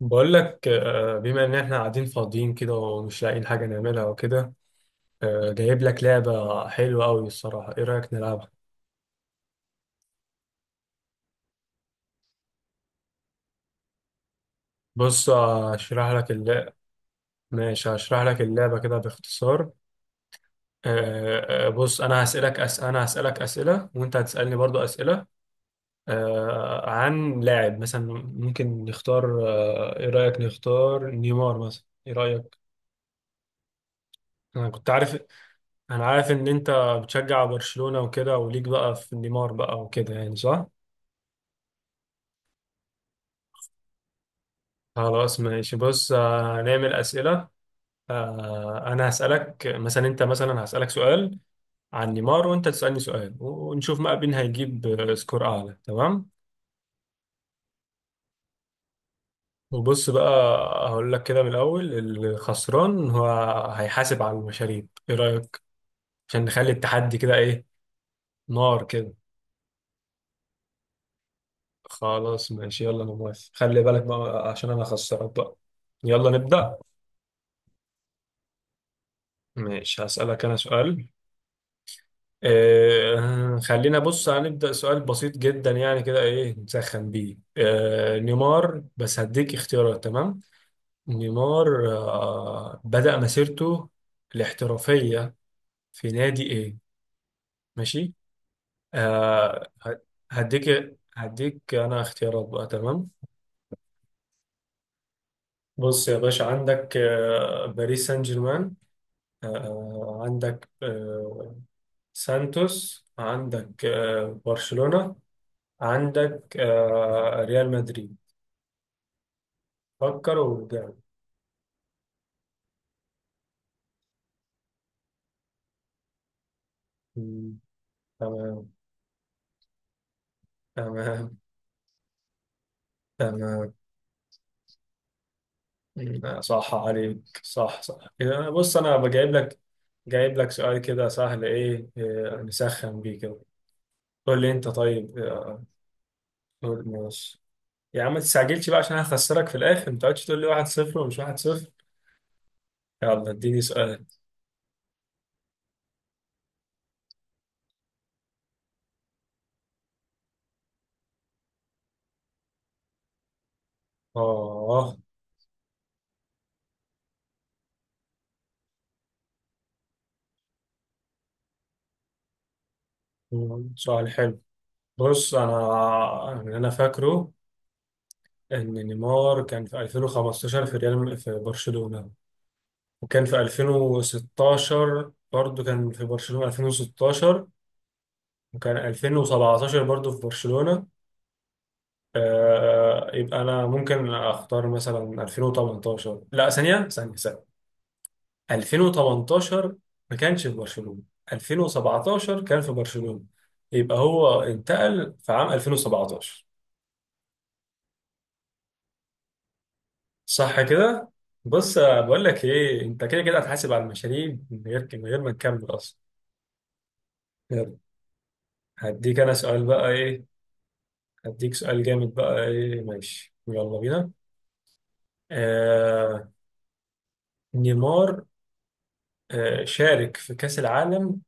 بقول لك، بما ان احنا قاعدين فاضيين كده ومش لاقيين حاجه نعملها وكده. جايب لك لعبه حلوه قوي الصراحه، ايه رايك نلعبها؟ بص، هشرح لك اللعبه. ماشي، هشرح لك اللعبه كده باختصار. آه، بص، انا هسالك اسئله، وانت هتسالني برضو اسئله، عن لاعب مثلا. ممكن نختار، ايه رايك نختار نيمار مثلا؟ ايه رايك؟ انا كنت عارف انا عارف ان انت بتشجع برشلونه وكده، وليك بقى في نيمار بقى وكده يعني، صح؟ خلاص ماشي. بص، نعمل أسئلة. أنا هسألك مثلا، أنت مثلا هسألك سؤال عن نيمار، وأنت تسألني سؤال، ونشوف بقى مين هيجيب سكور أعلى، تمام. وبص بقى، هقول لك كده من الأول: الخسران هو هيحاسب على المشاريب، إيه رأيك؟ عشان نخلي التحدي كده، إيه، نار كده. خلاص ماشي، يلا أنا موافق. خلي بالك بقى عشان أنا خسران بقى. يلا نبدأ. ماشي، هسألك أنا سؤال. خلينا، بص، هنبدأ سؤال بسيط جدا يعني كده، ايه، نسخن بيه نيمار، بس هديك اختيارات، تمام. نيمار بدأ مسيرته الاحترافية في نادي ايه؟ ماشي. آه ه- هديك انا اختيارات بقى، تمام. بص يا باشا، عندك باريس سان جيرمان، عندك سانتوس، عندك برشلونة، عندك ريال مدريد. فكر وارجع. مم. تمام. تمام. تمام. مم. آه، صح عليك، صح صح يعني. بص، انا بجايب لك، جايب لك سؤال كده سهل، ايه، نسخن بيه كده. قول لي انت طيب، قول ماشي. يا عم، ما تستعجلش بقى عشان هخسرك في الاخر. ما تقعدش تقول لي واحد صفر ومش واحد صفر. يلا اديني سؤال. اه. سؤال حلو. بص، انا اللي انا فاكره ان نيمار كان في 2015 في برشلونة، وكان في 2016 برضو، كان في برشلونة 2016، وكان 2017 برضو في برشلونة. يبقى أنا ممكن أختار مثلا 2018. لا، ثانية ثانية ثانية. 2018 ما كانش في برشلونة، 2017 كان في برشلونة، يبقى هو انتقل في عام 2017. صح كده؟ بص، بقول لك ايه، انت كده كده هتحاسب على المشاريب من غير ما نكمل اصلا. يلا. هديك انا سؤال بقى، ايه، هديك سؤال جامد بقى، ايه، ماشي، يلا بينا. آه نيمار شارك في كأس العالم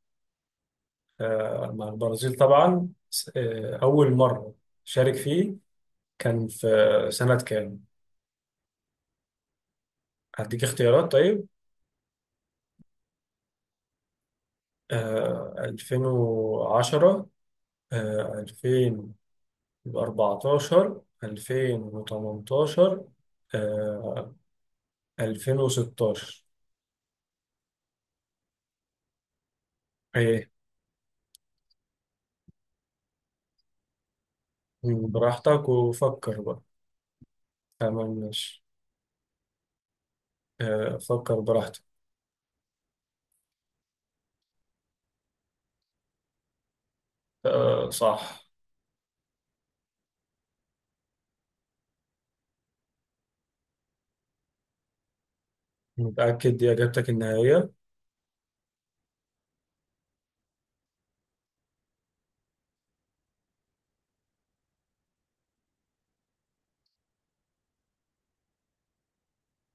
مع البرازيل طبعا، أول مرة شارك فيه كان في سنة كام؟ هديك اختيارات، طيب. 2010، آه 2014، 2018، آه 2016. ايه، براحتك وفكر بقى. تمام ماشي. فكر براحتك. آه، صح. متأكد دي إجابتك النهائية؟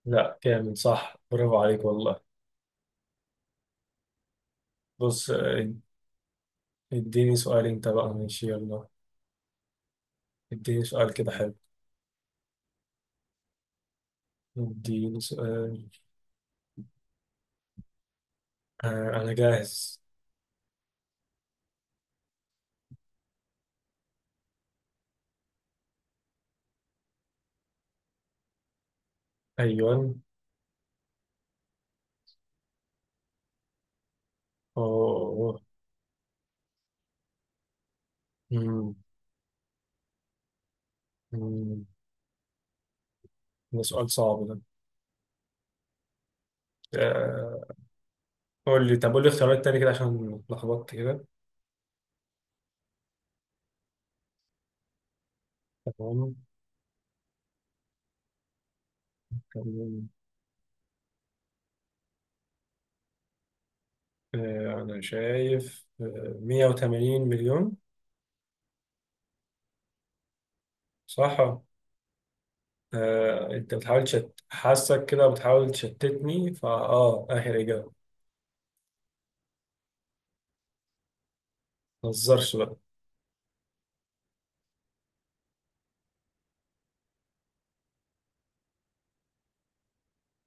لا كامل صح، برافو عليك والله. بص، اديني سؤال أنت بقى، ماشي يلا. اديني سؤال كده حلو. اديني سؤال، آه، أنا جاهز. أيوه. أوه. مم، مم. ده سؤال صعب ده. آه، قول لي، طب قول لي اختيارات تاني كده عشان اتلخبطت كده. تمام. تمام. أنا شايف 180 مليون. صح؟ انت بتحاول حاسك كده، بتحاول تشتتني. فا، اخر اجابه. ما تهزرش بقى.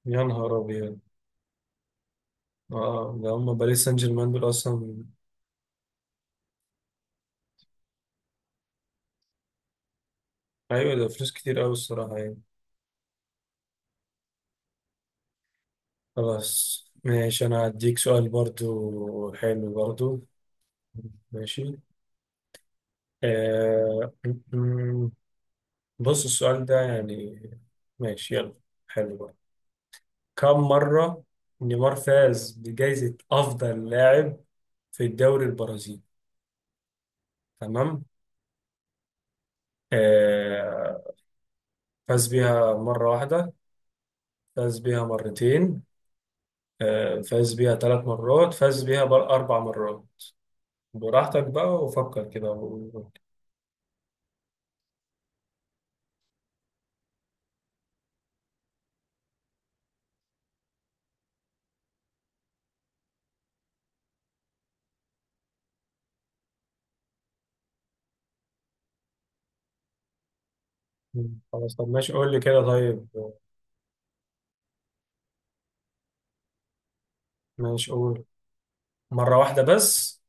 يا نهار ابيض. ده هم باريس سان جيرمان دول اصلا. ايوه، ده فلوس كتير قوي الصراحه يعني. خلاص ماشي، انا هديك سؤال برضو حلو برضو. ماشي. آه م- م- بص، السؤال ده يعني، ماشي يلا، حلو بقى. كم مره نيمار فاز بجائزه افضل لاعب في الدوري البرازيلي؟ تمام. آه، فاز بيها مرة واحدة، فاز بيها مرتين، فاز بيها ثلاث مرات، أربع مرات. براحتك بقى وفكر كده خلاص. طب ماشي، قول لي كده، طيب ماشي، قول. مرة واحدة بس؟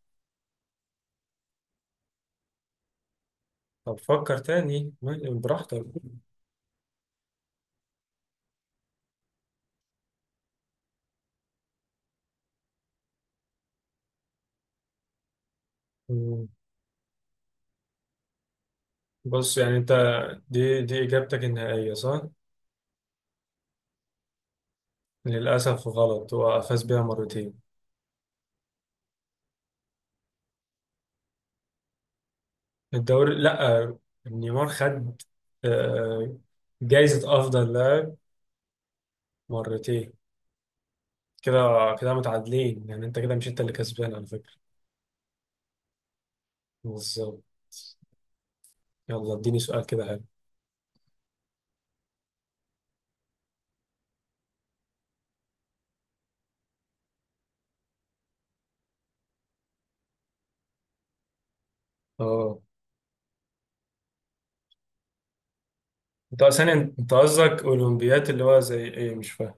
طب فكر تاني، ماشي، براحتك. مم. بص يعني انت، دي إجابتك النهائية، صح؟ للأسف غلط، هو فاز بيها مرتين. الدوري، لأ، نيمار خد آه، جايزة أفضل لاعب مرتين. كده كده متعادلين يعني، انت كده مش انت اللي كسبان على فكرة. بالظبط. يلا اديني سؤال كده حلو. اه، انت ثانية، انت قصدك اولمبيات اللي هو زي ايه، مش فاهم.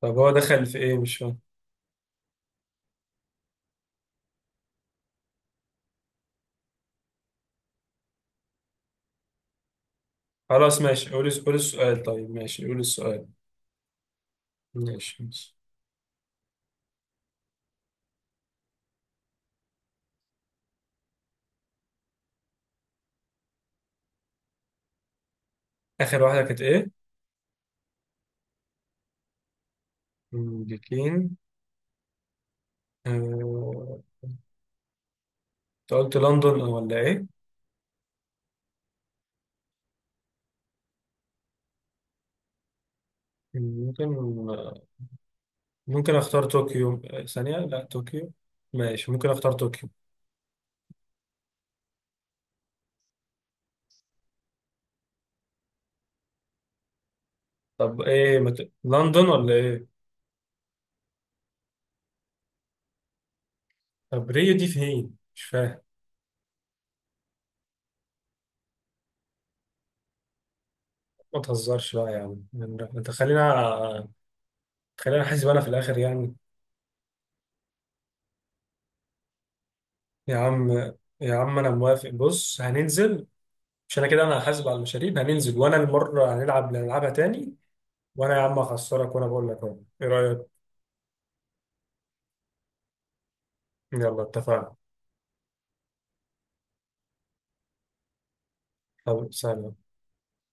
طب هو دخل في ايه، مش فاهم. خلاص ماشي، قول قول السؤال، طيب ماشي، قول السؤال، ماشي ماشي. اخر واحدة كانت ايه؟ امريكين؟ آه، انت قلت لندن أو ولا ايه؟ ممكن ممكن اختار طوكيو، ثانية، لا طوكيو، ماشي، ممكن اختار طوكيو. طب ايه، لندن ولا ايه؟ طب ريو دي فين؟ مش فاهم. ما تهزرش بقى يا عم. انت خلينا احاسب انا في الاخر يعني. يا عم، يا عم، انا موافق، بص هننزل. مش انا كده، انا هحاسب على المشاريب، هننزل وانا المره هنلعب اللي هنلعبها تاني. وانا يا عم هخسرك وانا بقول لك اهو، ايه رايك؟ يلا اتفقنا. طب سلام.